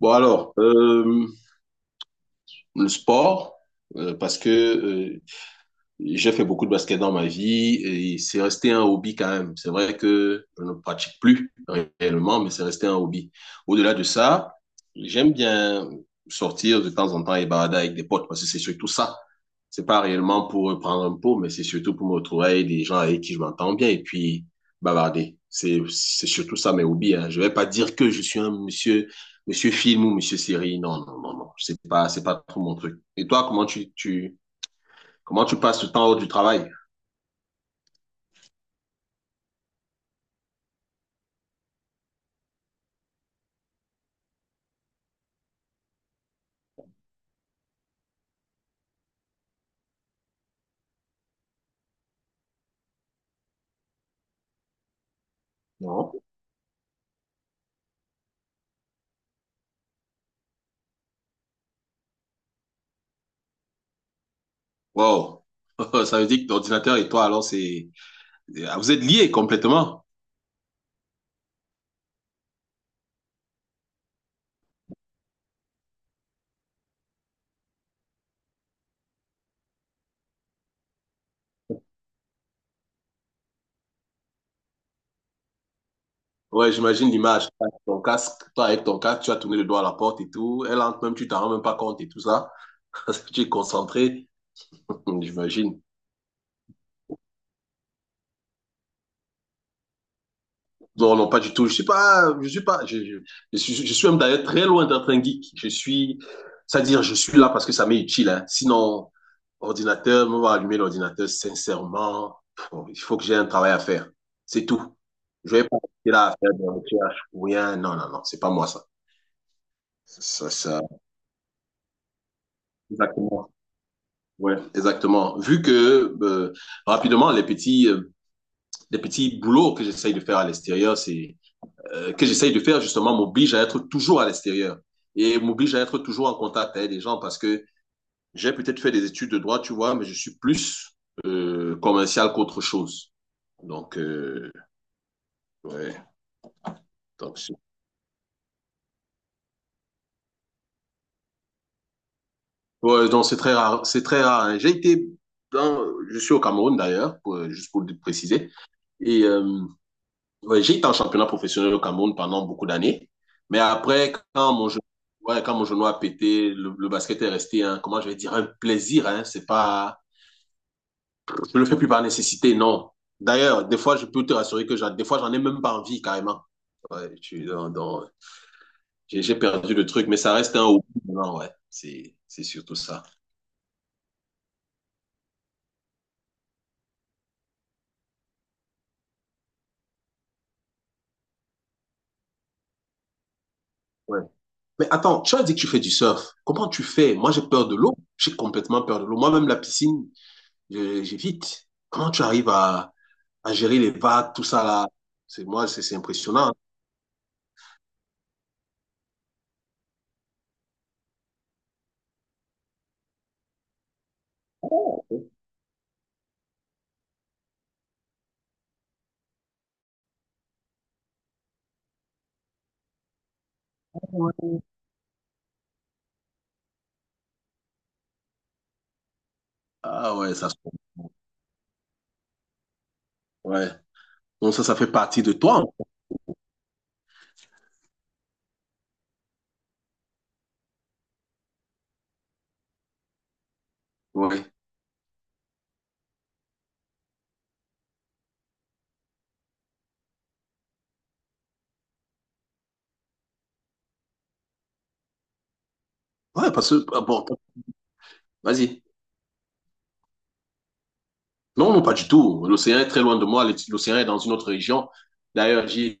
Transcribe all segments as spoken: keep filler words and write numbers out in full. Bon alors, euh, le sport, euh, parce que euh, j'ai fait beaucoup de basket dans ma vie et c'est resté un hobby quand même. C'est vrai que je ne pratique plus réellement, mais c'est resté un hobby. Au-delà de ça, j'aime bien sortir de temps en temps et balader avec des potes parce que c'est surtout ça. C'est pas réellement pour prendre un pot, mais c'est surtout pour me retrouver avec des gens avec qui je m'entends bien et puis bavarder. C'est, c'est surtout ça mes hobbies. Hein. Je vais pas dire que je suis un monsieur, monsieur film ou monsieur série. Non, non, non, non. C'est pas, c'est pas trop mon truc. Et toi, comment tu, tu, Comment tu passes le temps hors du travail? Non. Wow. Ça veut dire que l'ordinateur et toi, alors, c'est... Ah, Vous êtes liés complètement. Ouais, j'imagine l'image. Ton casque, toi avec ton casque, tu as tourné le doigt à la porte et tout. Elle entre même, tu t'en rends même pas compte et tout ça. tu es concentré. J'imagine. Non, non, pas du tout. Je suis pas, je suis pas, je, je, je suis, je suis même d'ailleurs très loin d'être un geek. Je suis, c'est-à-dire, je suis là parce que ça m'est utile. hein. Sinon, ordinateur, me va allumer l'ordinateur, sincèrement, pff, il faut que j'ai un travail à faire. C'est tout. Je vais pas rester là à faire des recherches ou rien. Non, non, non, c'est pas moi ça. Ça, ça, exactement. Ouais, exactement. Vu que euh, rapidement, les petits, euh, les petits boulots que j'essaye de faire à l'extérieur, c'est euh, que j'essaye de faire justement m'oblige à être toujours à l'extérieur et m'oblige à être toujours en contact avec les gens parce que j'ai peut-être fait des études de droit, tu vois, mais je suis plus euh, commercial qu'autre chose. Donc, euh, ouais, donc c'est ouais, donc c'est très rare. C'est très rare. hein. J'ai été dans, je suis au Cameroun d'ailleurs, pour- euh, juste pour le préciser. Et euh, ouais, j'ai été en championnat professionnel au Cameroun pendant beaucoup d'années. Mais après, quand mon genou, ouais, quand mon genou a pété, le, le basket est resté, un- comment je vais dire, un plaisir. Hein, c'est pas Je ne le fais plus par nécessité, non. D'ailleurs, des fois, je peux te rassurer que j'en- des fois, j'en ai même pas envie, carrément. Ouais, je suis dans- dans- j'ai j'ai perdu le truc, mais ça reste un hobby. Non, ouais, c'est c'est surtout ça. Ouais. Mais attends, tu as dit que tu fais du surf. Comment tu fais? Moi, j'ai peur de l'eau. J'ai complètement peur de l'eau. Moi-même, la piscine, je- j'évite. Comment tu arrives à, à gérer les vagues, tout ça là? C'est moi, c'est c'est impressionnant. Oh, ouais. Ah, ouais, ça se... Ouais. Donc ça, ça fait partie de toi. Ouais. Ouais, parce que, ah, bon, vas-y. Non, non, pas du tout. L'océan est très loin de moi. L'océan est dans une autre région. D'ailleurs, j'y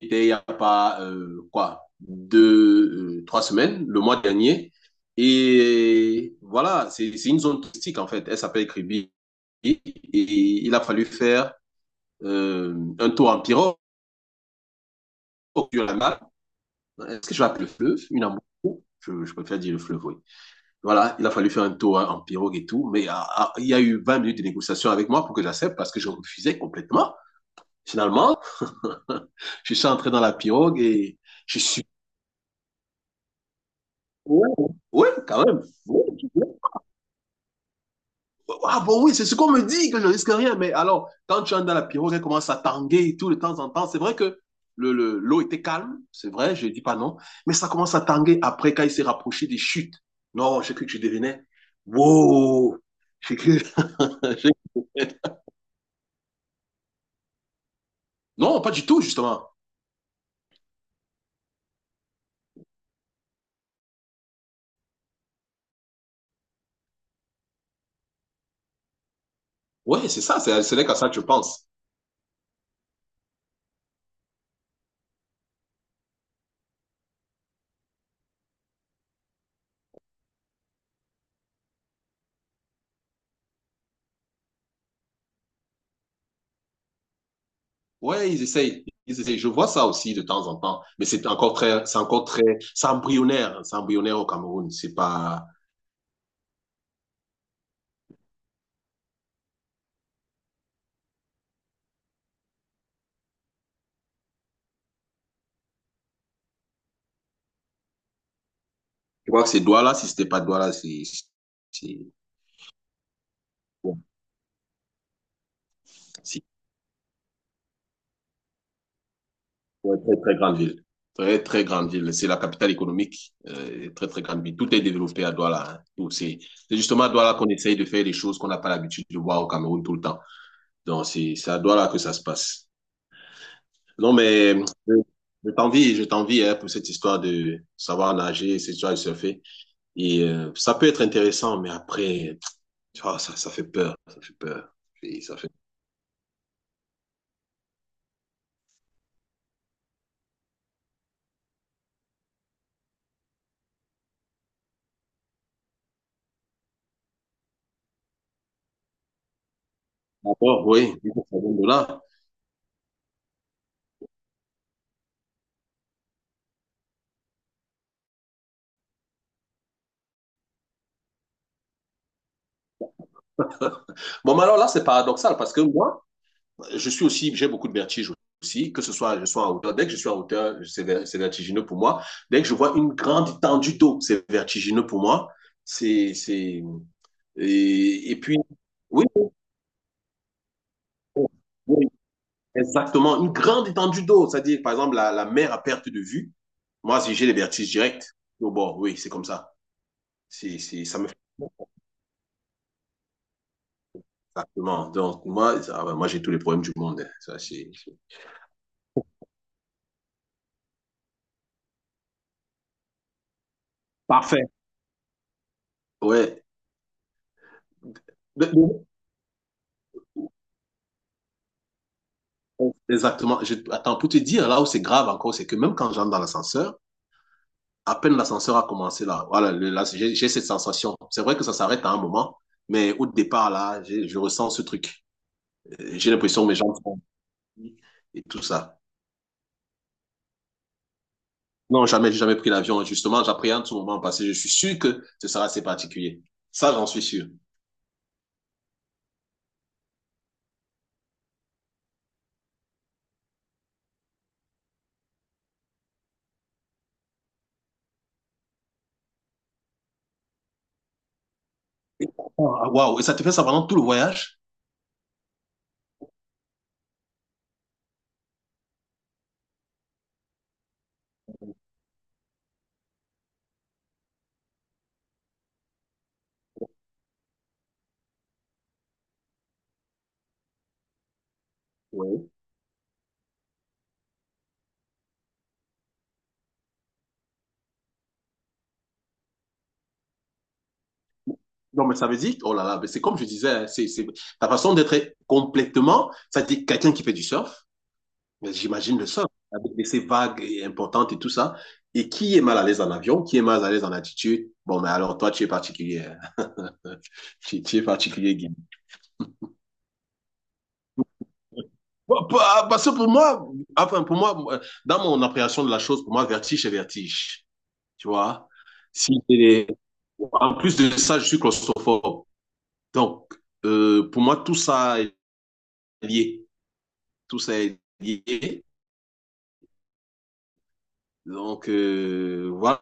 étais il n'y a pas, euh, quoi, deux, euh, trois semaines, le mois dernier. Et voilà, c'est c'est une zone touristique, en fait. Elle s'appelle Kribi. Et il a fallu faire euh, un tour en pirogue sur la mer. Est-ce que je l'appelle le fleuve? Une embouchure? Je, je préfère dire le fleuve, oui. Voilà, il a fallu faire un tour hein, en pirogue et tout. Mais ah, ah, il y a eu vingt minutes de négociation avec moi pour que j'accepte parce que je refusais complètement. Finalement, je suis entré dans la pirogue et je suis... Oui, ouais, quand même. Ouais, ouais. Ah bon, oui, c'est ce qu'on me dit, que je risque rien. Mais alors, quand tu entres dans la pirogue, elle commence à tanguer tout de temps en temps. C'est vrai que l'eau le, l'eau était calme, c'est vrai, je ne dis pas non. Mais ça commence à tanguer après, quand il s'est rapproché des chutes. Non, j'ai cru que je devenais... Wow! J'ai cru... Non, pas du tout, justement. Oui, c'est ça, c'est c'est à ça que je pense. Ouais, ils essayent. Ils essayent. Je vois ça aussi de temps en temps, mais c'est encore très, c'est encore très, c'est embryonnaire, hein. C'est embryonnaire au Cameroun. C'est pas, Je crois que c'est Douala. Si c'était pas Douala, c'est, c'est, bon, c'est une très, très grande ville. Très, très grande ville. C'est la capitale économique. Euh, très, très grande ville. Tout est développé à Douala. hein. Tout, c'est, c'est justement à Douala qu'on essaye de faire des choses qu'on n'a pas l'habitude de voir au Cameroun tout le temps. Donc, c'est, c'est à Douala que ça se passe. Non, mais, euh, je t'envie, je t'envie, hein, pour cette histoire de savoir nager, cette histoire de surfer. Et euh, ça peut être intéressant, mais après, ah, ça, ça fait peur. Ça fait peur. Et ça fait... D'accord, oui, oui, ça vient de là. Bon, mais alors là, c'est paradoxal parce que moi, je suis aussi, j'ai beaucoup de vertige aussi, que ce soit, je sois en hauteur. Dès que je suis en hauteur, c'est ver- c'est vertigineux pour moi. Dès que je vois une grande étendue d'eau, c'est vertigineux pour moi. C'est, c'est, et, et puis, oui, oui, exactement, une grande étendue d'eau, c'est-à-dire, par exemple, la, la mer à perte de vue. Moi, si j'ai les vertiges directs, au bord, oui, c'est comme ça. C'est, c'est, ça me fait exactement. Donc, moi, ça- ah ouais, moi j'ai tous les problèmes du monde. hein. Ça, c'est, c'est- Parfait. ouais. De- de- Exactement. Je- attends, pour te dire, là où c'est grave encore, c'est que même quand j'entre dans l'ascenseur, à peine l'ascenseur a commencé là, voilà, le- là, j'ai j'ai cette sensation. C'est vrai que ça s'arrête à un moment, mais au départ, là, j'ai- je ressens ce truc. Euh, J'ai l'impression que mes jambes sont et tout ça. Non, jamais, j'ai jamais pris l'avion. Justement, j'appréhende ce moment parce que je suis sûr que ce sera assez particulier. Ça, j'en suis sûr. Ah, Waouh! Et ça te fait ça pendant tout le voyage? Oui. Non, mais ça veut dire, oh là là, mais c'est comme je disais, hein, c'est, c'est, ta façon d'être est complètement, ça dit quelqu'un qui fait du surf, mais j'imagine le surf, avec ces vagues et importantes et tout ça, et qui est mal à l'aise en avion, qui est mal à l'aise en altitude, bon, mais alors toi, tu es particulier, hein. tu, tu es particulier, Guy. Bon, pa- Parce que pour moi, enfin, pour moi, moi, dans mon appréhension de la chose, pour moi, vertige, c'est vertige, tu vois. Si c'est des- En plus de ça, je suis claustrophobe. Donc, euh, pour moi, tout ça est lié. tout ça est lié. Donc, euh, voilà.